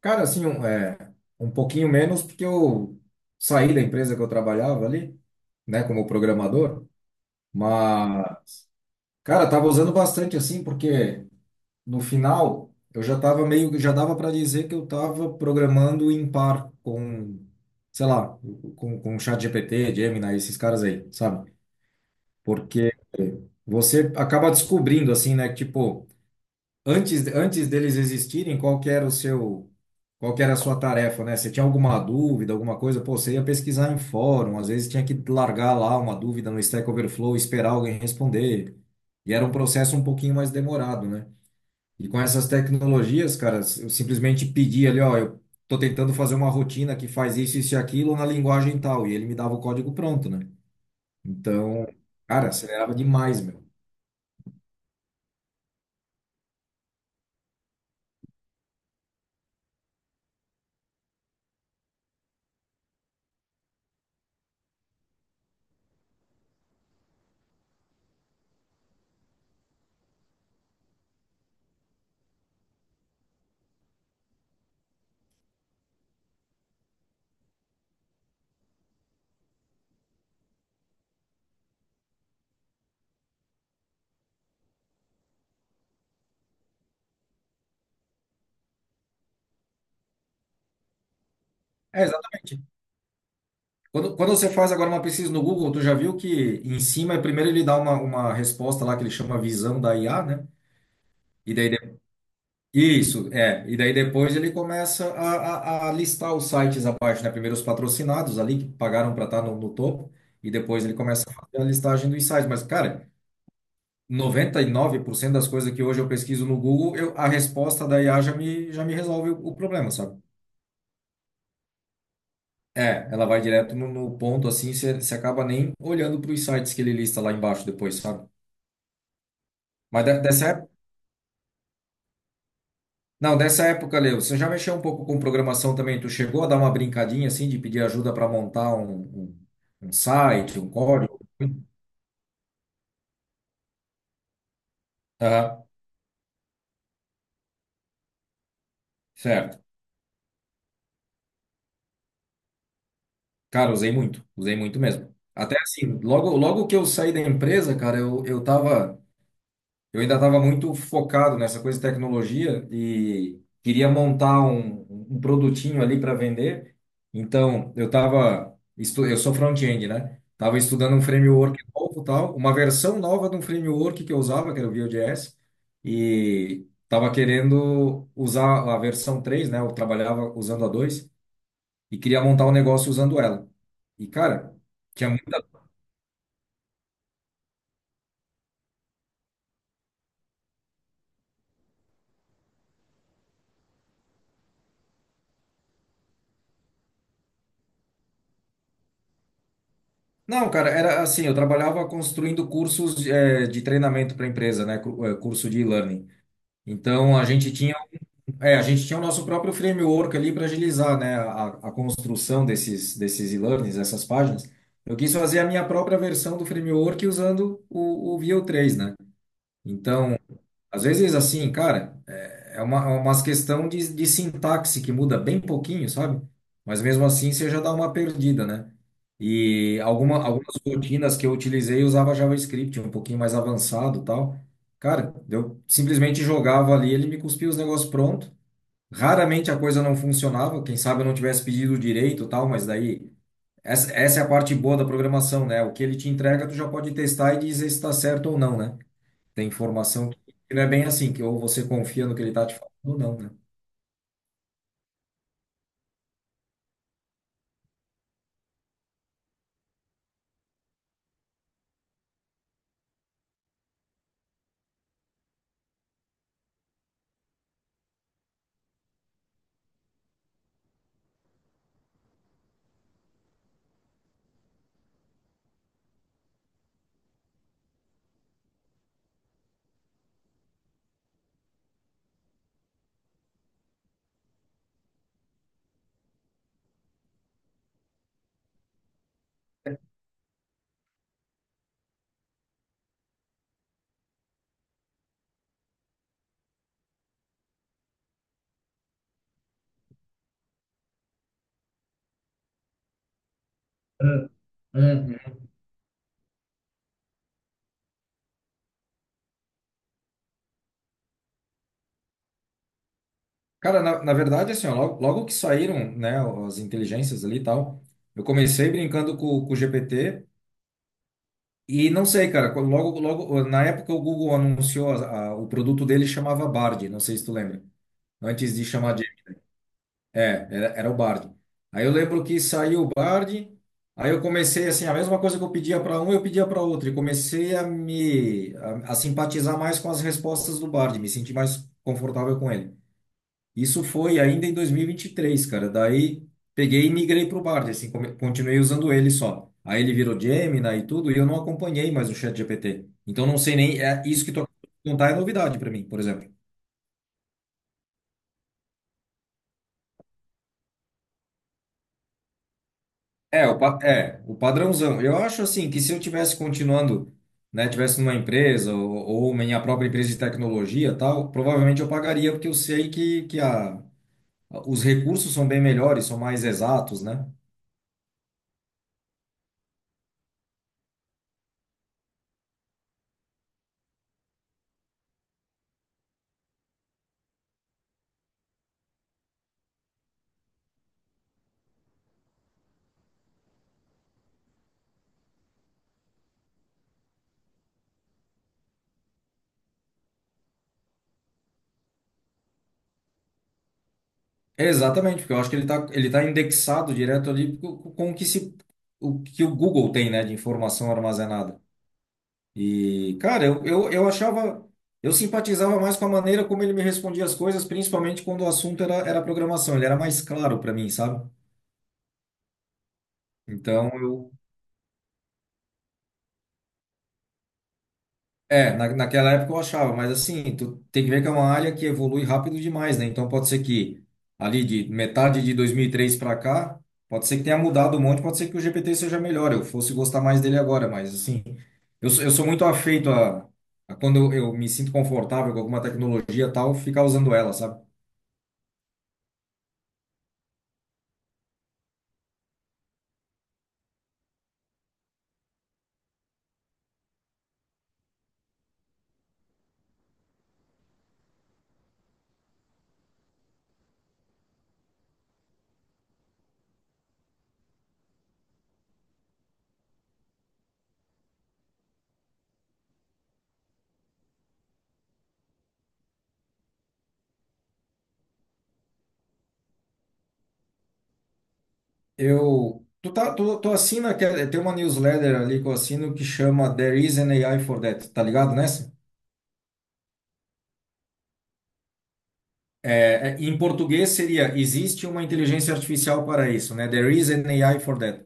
Cara, assim, um pouquinho menos, porque eu saí da empresa que eu trabalhava ali, né, como programador, mas, cara, tava usando bastante, assim, porque no final eu já tava meio, já dava para dizer que eu tava programando em par com, sei lá, com GPT, Gemini, esses caras aí, sabe? Porque você acaba descobrindo, assim, né, que, tipo, antes deles existirem, qual que era a sua tarefa, né? Você tinha alguma dúvida, alguma coisa, pô, você ia pesquisar em fórum, às vezes tinha que largar lá uma dúvida no Stack Overflow, esperar alguém responder. E era um processo um pouquinho mais demorado, né? E com essas tecnologias, cara, eu simplesmente pedi ali, ó, eu tô tentando fazer uma rotina que faz isso, isso e aquilo na linguagem tal, e ele me dava o código pronto, né? Então, cara, acelerava demais, meu. É, exatamente. Quando você faz agora uma pesquisa no Google, tu já viu que em cima, primeiro ele dá uma resposta lá que ele chama visão da IA, né? E daí, isso, é. E daí depois ele começa a listar os sites abaixo, né? Primeiro os patrocinados ali, que pagaram para estar no topo, e depois ele começa a fazer a listagem dos sites. Mas, cara, 99% das coisas que hoje eu pesquiso no Google, a resposta da IA já me resolve o problema, sabe? É, ela vai direto no ponto assim, você acaba nem olhando para os sites que ele lista lá embaixo depois, sabe? Mas dessa época, não, dessa época, Leo, você já mexeu um pouco com programação também? Tu chegou a dar uma brincadinha assim de pedir ajuda para montar um site, um código? Aham, certo. Cara, usei muito mesmo. Até assim, logo, logo que eu saí da empresa, cara, eu tava. Eu ainda estava muito focado nessa coisa de tecnologia e queria montar um produtinho ali para vender. Então, eu estava, eu sou front-end, né? Estava estudando um framework novo, tal, uma versão nova de um framework que eu usava, que era o Vue.js, e estava querendo usar a versão 3, né? Eu trabalhava usando a 2 e queria montar um negócio usando ela. E, cara, tinha muita não, cara, era assim, eu trabalhava construindo cursos de treinamento para empresa, né, curso de e-learning. Então a gente tinha o nosso próprio framework ali para agilizar, né, a construção desses e-learnings, essas páginas. Eu quis fazer a minha própria versão do framework usando o Vue 3, né? Então às vezes, assim, cara, é é uma, é umas questão de sintaxe que muda bem pouquinho, sabe? Mas mesmo assim você já dá uma perdida, né? E algumas rotinas que eu utilizei eu usava JavaScript, um pouquinho mais avançado e tal. Cara, eu simplesmente jogava ali, ele me cuspia os negócios pronto. Raramente a coisa não funcionava, quem sabe eu não tivesse pedido direito e tal, mas daí essa é a parte boa da programação, né? O que ele te entrega, tu já pode testar e dizer se está certo ou não, né? Tem informação que não é bem assim, que ou você confia no que ele está te falando ou não, né? Hum, hum. Cara, na verdade, assim, ó, logo, logo que saíram, né, as inteligências ali e tal, eu comecei brincando com, o GPT e não sei, cara, logo, logo, na época o Google anunciou o produto dele chamava Bard, não sei se tu lembra. Antes de chamar de É, era o Bard. Aí eu lembro que saiu o Bard, aí eu comecei assim, a mesma coisa que eu pedia para um, eu pedia para outro, e comecei a simpatizar mais com as respostas do Bard, me senti mais confortável com ele. Isso foi ainda em 2023, cara. Daí peguei e migrei pro Bard, assim, continuei usando ele só. Aí ele virou Gemini e tudo, e eu não acompanhei mais o ChatGPT. Então não sei nem, isso que tu acabou de contar é novidade para mim, por exemplo. É, o padrãozão. Eu acho assim que se eu tivesse continuando, né, tivesse numa empresa ou, minha própria empresa de tecnologia, e tal, provavelmente eu pagaria porque eu sei que os recursos são bem melhores, são mais exatos, né? Exatamente, porque eu acho que ele tá indexado direto ali com, o que se, o que o Google tem, né, de informação armazenada. E, cara, eu achava, eu simpatizava mais com a maneira como ele me respondia as coisas, principalmente quando o assunto era programação. Ele era mais claro para mim, sabe? Então, naquela época eu achava, mas assim, tu tem que ver que é uma área que evolui rápido demais, né? Então, pode ser que ali de metade de 2003 para cá, pode ser que tenha mudado um monte, pode ser que o GPT seja melhor, eu fosse gostar mais dele agora, mas assim, eu sou muito afeito a quando eu me sinto confortável com alguma tecnologia e tal, ficar usando ela, sabe? Eu, tu tá, tu, tu assina, tem uma newsletter ali que eu assino que chama There is an AI for that, tá ligado nessa? É, é, em português seria, existe uma inteligência artificial para isso, né? There is an AI for that.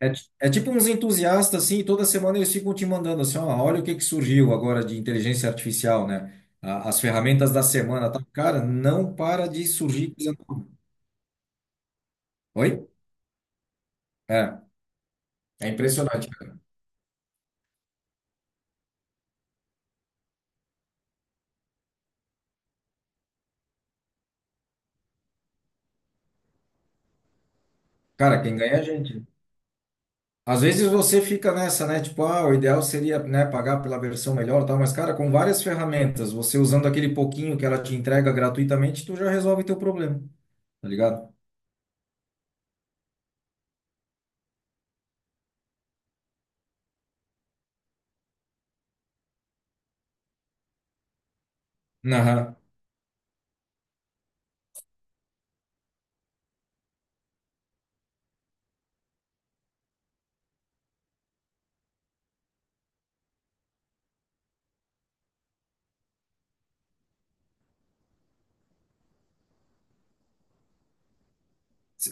É tipo uns entusiastas, assim, e toda semana eles ficam te mandando assim, ó, olha o que que surgiu agora de inteligência artificial, né? As ferramentas da semana, tá? Cara, não para de surgir coisa nova. Oi? É, é impressionante, cara. Cara, quem ganha é a gente. Às vezes você fica nessa, né? Tipo, ah, o ideal seria, né, pagar pela versão melhor, e tal, mas, cara, com várias ferramentas, você usando aquele pouquinho que ela te entrega gratuitamente, tu já resolve teu problema. Tá ligado? Aham.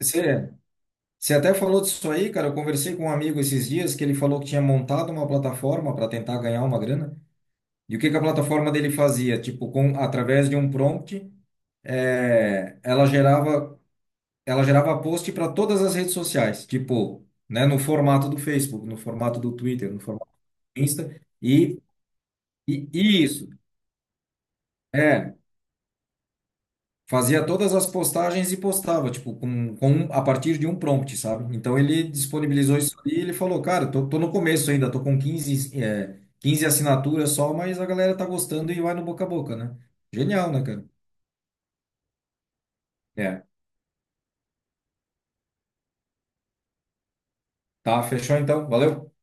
Você você até falou disso aí, cara. Eu conversei com um amigo esses dias que ele falou que tinha montado uma plataforma para tentar ganhar uma grana. E o que que a plataforma dele fazia? Tipo, através de um prompt, é, ela gerava, ela gerava post para todas as redes sociais, tipo, né, no formato do Facebook, no formato do Twitter, no formato do Insta. E isso. É, fazia todas as postagens e postava, tipo, a partir de um prompt, sabe? Então ele disponibilizou isso ali e ele falou, cara, tô no começo ainda, tô com 15 assinaturas só, mas a galera tá gostando e vai no boca a boca, né? Genial, né, cara? É. Tá, fechou então. Valeu.